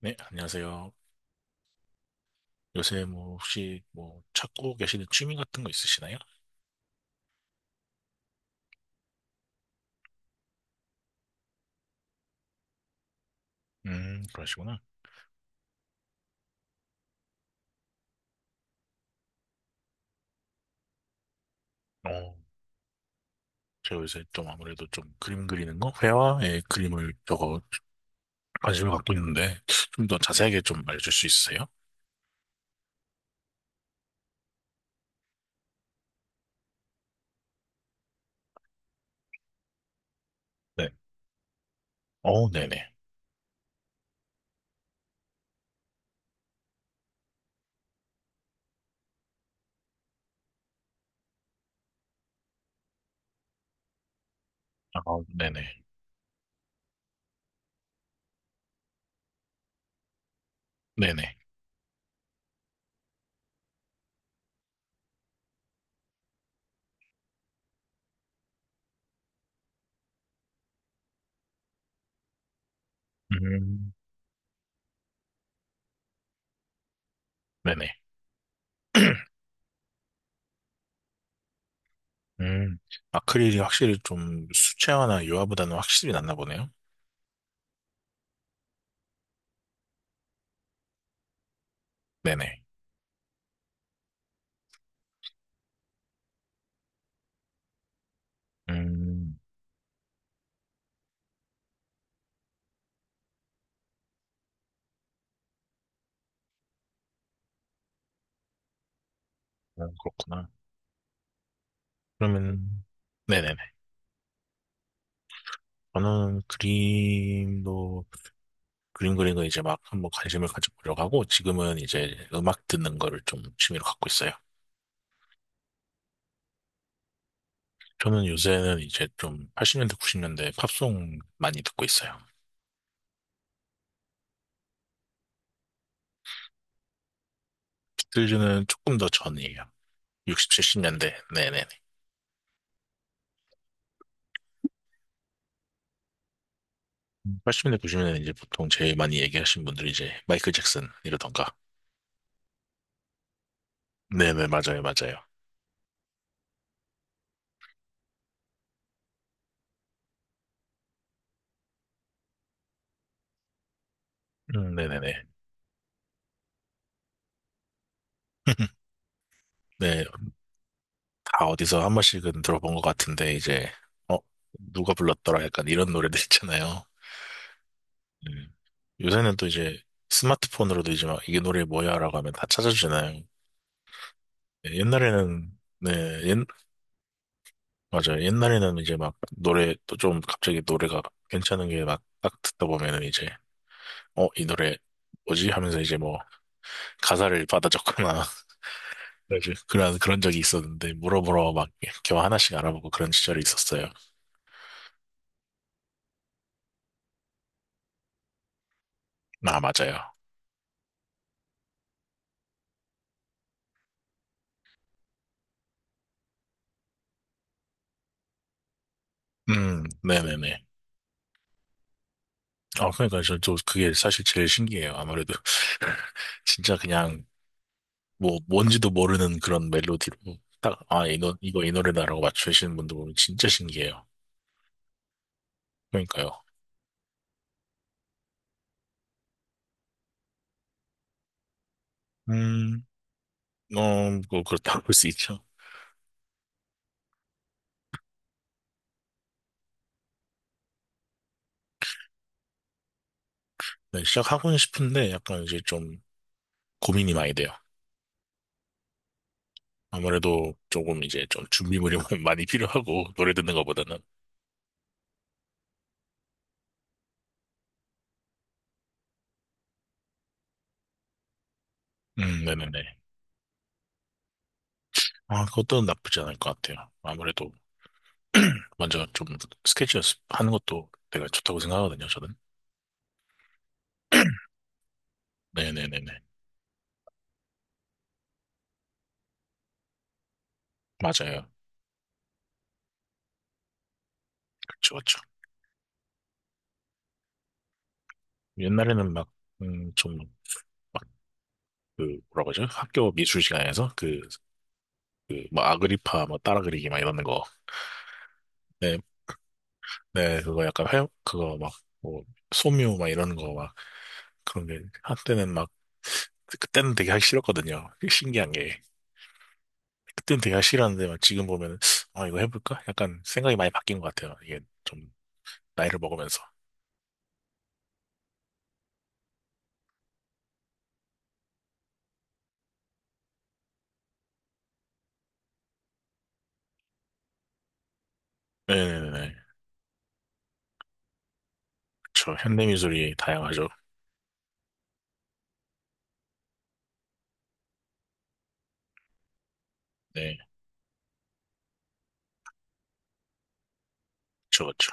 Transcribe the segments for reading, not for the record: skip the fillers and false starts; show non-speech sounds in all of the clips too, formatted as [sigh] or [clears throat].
네, 안녕하세요. 요새 혹시 뭐 찾고 계시는 취미 같은 거 있으시나요? 그러시구나. 어, 제가 요새 좀 아무래도 좀 그림 그리는 거, 회화의 그림을 저거 관심을 갖고 있는데 좀 더 자세하게 좀 알려줄 수 있으세요? 네. 어, 네네. 아, 네네. 네네. 음, 네네. [clears throat] 음, 아크릴이 확실히 좀 수채화나 유화보다는 확실히 낫나 보네요. 네네. 음, 어, 그렇구나. 그러면, 네네네. 저는 그림도, 그림 그리는 거 이제 막 한번 관심을 가져보려고 하고, 지금은 이제 음악 듣는 거를 좀 취미로 갖고 있어요. 저는 요새는 이제 좀 80년대, 90년대 팝송 많이 듣고 있어요. 비틀즈는 조금 더 전이에요. 60, 70년대, 네네네. 80년대, 90년대 이제 보통 제일 많이 얘기하신 분들이 이제 마이클 잭슨 이러던가. 네네, 맞아요, 맞아요. 네네네. [laughs] 네, 다 어디서 한 번씩은 들어본 것 같은데, 이제, 어, 누가 불렀더라? 약간 이런 노래들 있잖아요. 음. 요새는 또 이제 스마트폰으로도 이제 막 이게 노래 뭐야라고 하면 다 찾아주잖아요. 네, 옛날에는 네, 옛, 맞아요. 옛날에는 이제 막 노래 또 좀 갑자기 노래가 괜찮은 게 막 딱 듣다 보면은 이제 어, 이 노래 뭐지? 하면서 이제 뭐 가사를 받아 적거나 [laughs] 그래가지고 그런 적이 있었는데 물어보러 막 이렇게 하나씩 알아보고 그런 시절이 있었어요. 아, 맞아요. 네네네. 아, 그러니까 저 그게 사실 제일 신기해요. 아무래도 [laughs] 진짜 그냥 뭐 뭔지도 모르는 그런 멜로디로 딱, 아, 이거 이 노래다라고 맞추시는 분들 보면 진짜 신기해요. 그러니까요. 음, 어, 뭐 그렇다고 볼 수 있죠. 네, 시작하고는 싶은데 약간 이제 좀 고민이 많이 돼요. 아무래도 조금 이제 좀 준비물이 [laughs] 많이 필요하고 노래 듣는 것보다는. 네네네. 아, 그것도 나쁘지 않을 것 같아요. 아무래도 먼저 좀 스케치 연습하는 것도 되게 좋다고 생각하거든요, 저는. 네네네네. 맞아요. 그렇죠, 그렇죠. 옛날에는 막, 좀 그 뭐라고 하죠? 학교 미술 시간에서 그 뭐 아그리파 뭐 따라 그리기 막 이러는 거. 네, 네 그거 약간 회 그거 막 뭐 소묘 막 이러는 거 막 그런 게 한때는 막 그때는 되게 하기 싫었거든요. 신기한 게 그때는 되게 하기 싫었는데 막 지금 보면은 아 이거 해볼까? 약간 생각이 많이 바뀐 것 같아요. 이게 좀 나이를 먹으면서. 네네네. 그렇죠. 현대 미술이 다양하죠. 네, 그렇죠, 그렇죠.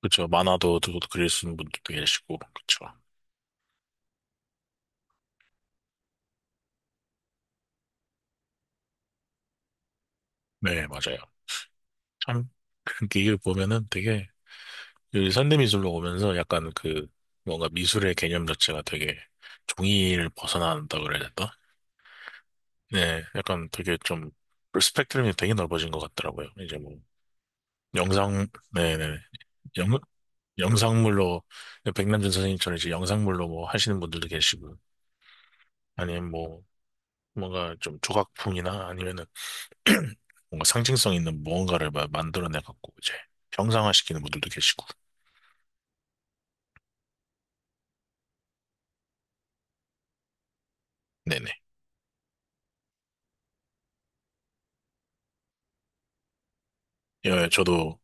그렇죠. 만화도 또 그릴 수 있는 분들도 계시고, 그렇죠. 네, 맞아요. 참, 그게 이걸 보면은 되게 그 현대미술로 오면서 약간 그 뭔가 미술의 개념 자체가 되게 종이를 벗어난다 그래야 되나? 네, 약간 되게 좀 그 스펙트럼이 되게 넓어진 것 같더라고요. 이제 뭐 영상, 네네. 영, 영상물로 백남준 선생님처럼 이제 영상물로 뭐 하시는 분들도 계시고 아니면 뭐 뭔가 좀 조각품이나 아니면은 [clears throat] 뭔가 상징성 있는 무언가를 막 만들어내 갖고 이제 형상화시키는 분들도 계시고. 네네. 예, 저도,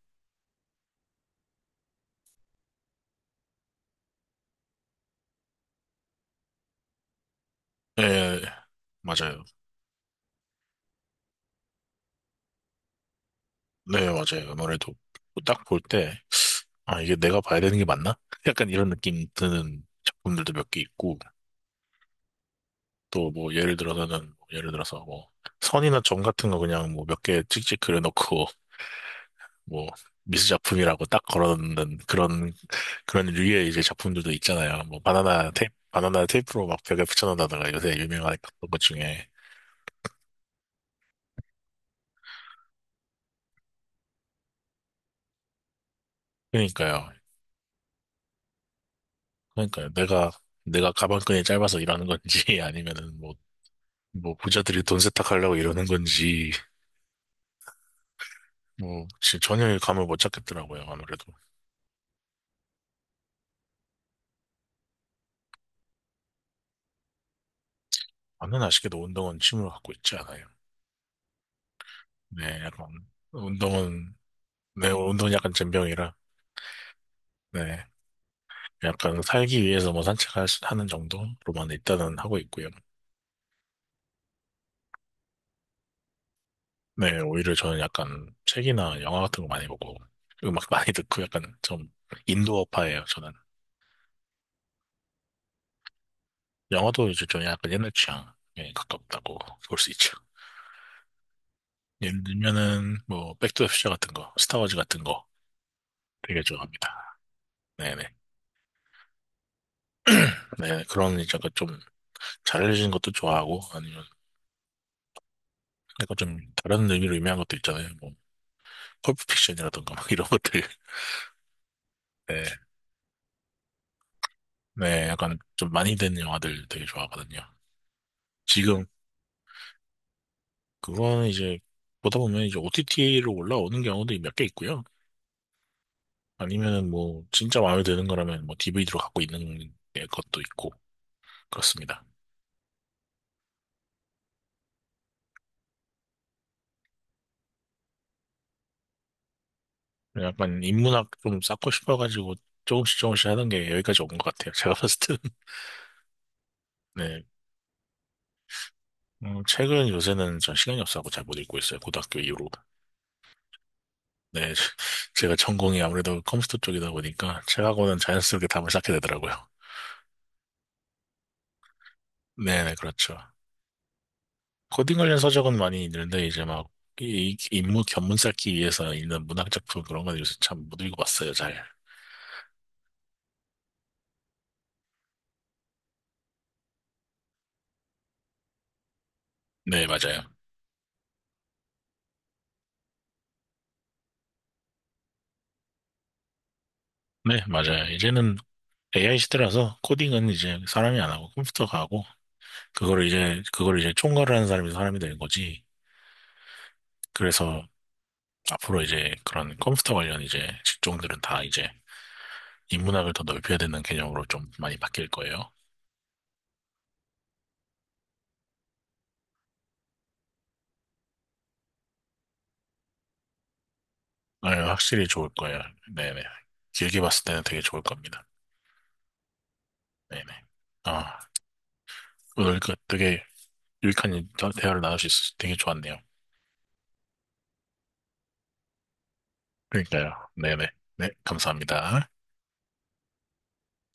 예, 맞아요. 네, 맞아요. 아무래도 딱 볼 때, 아, 이게 내가 봐야 되는 게 맞나? [laughs] 약간 이런 느낌 드는 작품들도 몇 개 있고, 또 뭐 예를 들어서는, 뭐 예를 들어서 뭐 선이나 점 같은 거 그냥 뭐 몇 개 찍찍 그려놓고, [laughs] 뭐 미술 작품이라고 딱 걸어놓는 그런, 그런 류의 이제 작품들도 있잖아요. 뭐 바나나 테이프, 바나나 테이프로 막 벽에 붙여놓는다든가 요새 유명한 것 중에. 그러니까요. 그러니까요. 내가 가방끈이 짧아서 이러는 건지, [laughs] 아니면은 뭐, 뭐, 부자들이 돈 세탁하려고 이러는 건지, 뭐, 진짜 전혀 감을 못 잡겠더라고요, 아무래도. 저는 아쉽게도 운동은 취미로 갖고 있지 않아요. 네, 약간, 운동은, 네, 운동은 약간 젬병이라, 네, 약간 살기 위해서 뭐 산책하는 정도로만 일단은 하고 있고요. 네, 오히려 저는 약간 책이나 영화 같은 거 많이 보고, 음악 많이 듣고 약간 좀 인도어파예요, 저는. 영화도 이제 좀 약간 옛날 취향에 가깝다고 볼 수 있죠. 예를 들면은 뭐 백투더 퓨처 같은 거, 스타워즈 같은 거 되게 좋아합니다. 네네. [clears throat] 네, 그런 이제 약간 좀 잘해려진 것도 좋아하고 아니면 약간 좀 다른 의미로 의미한 것도 있잖아요. 뭐 펄프 픽션이라던가 막 [laughs] 이런 것들. 네, 네, 약간 좀 많이 된 영화들 되게 좋아하거든요. 지금 그거는 이제 보다 보면 이제 OTT로 올라오는 경우도 몇 개 있고요. 아니면은 뭐 진짜 마음에 드는 거라면 뭐 DVD로 갖고 있는 것도 있고 그렇습니다. 약간 인문학 좀 쌓고 싶어가지고 조금씩 조금씩 하던 게 여기까지 온 것 같아요. [laughs] 제가 봤을 때는. [laughs] 네. 책은 요새는 전 시간이 없어서고잘 못 읽고 있어요. 고등학교 이후로. 네. [laughs] 제가 전공이 아무래도 컴퓨터 쪽이다 보니까 책하고는 자연스럽게 답을 쌓게 되더라고요. 네네, 그렇죠. 코딩 관련 서적은 많이 읽는데 이제 막 이 인문 견문 쌓기 위해서 읽는 문학 작품 그런 건 요새 참 못 읽어봤어요, 잘. 네, 맞아요. 네, 맞아요. 이제는 AI 시대라서 코딩은 이제 사람이 안 하고 컴퓨터가 하고 그거를 이제 그걸 이제 총괄하는 사람이 사람이 되는 거지. 그래서 앞으로 이제 그런 컴퓨터 관련 이제 직종들은 다 이제 인문학을 더 넓혀야 되는 개념으로 좀 많이 바뀔 거예요. 네, 확실히 좋을 거예요. 네네. 길게 봤을 때는 되게 좋을 겁니다. 네네. 아, 오늘 그 되게 유익한 대화를 나눌 수 있어서 되게 좋았네요. 그러니까요. 네네. 네, 네, 감사합니다.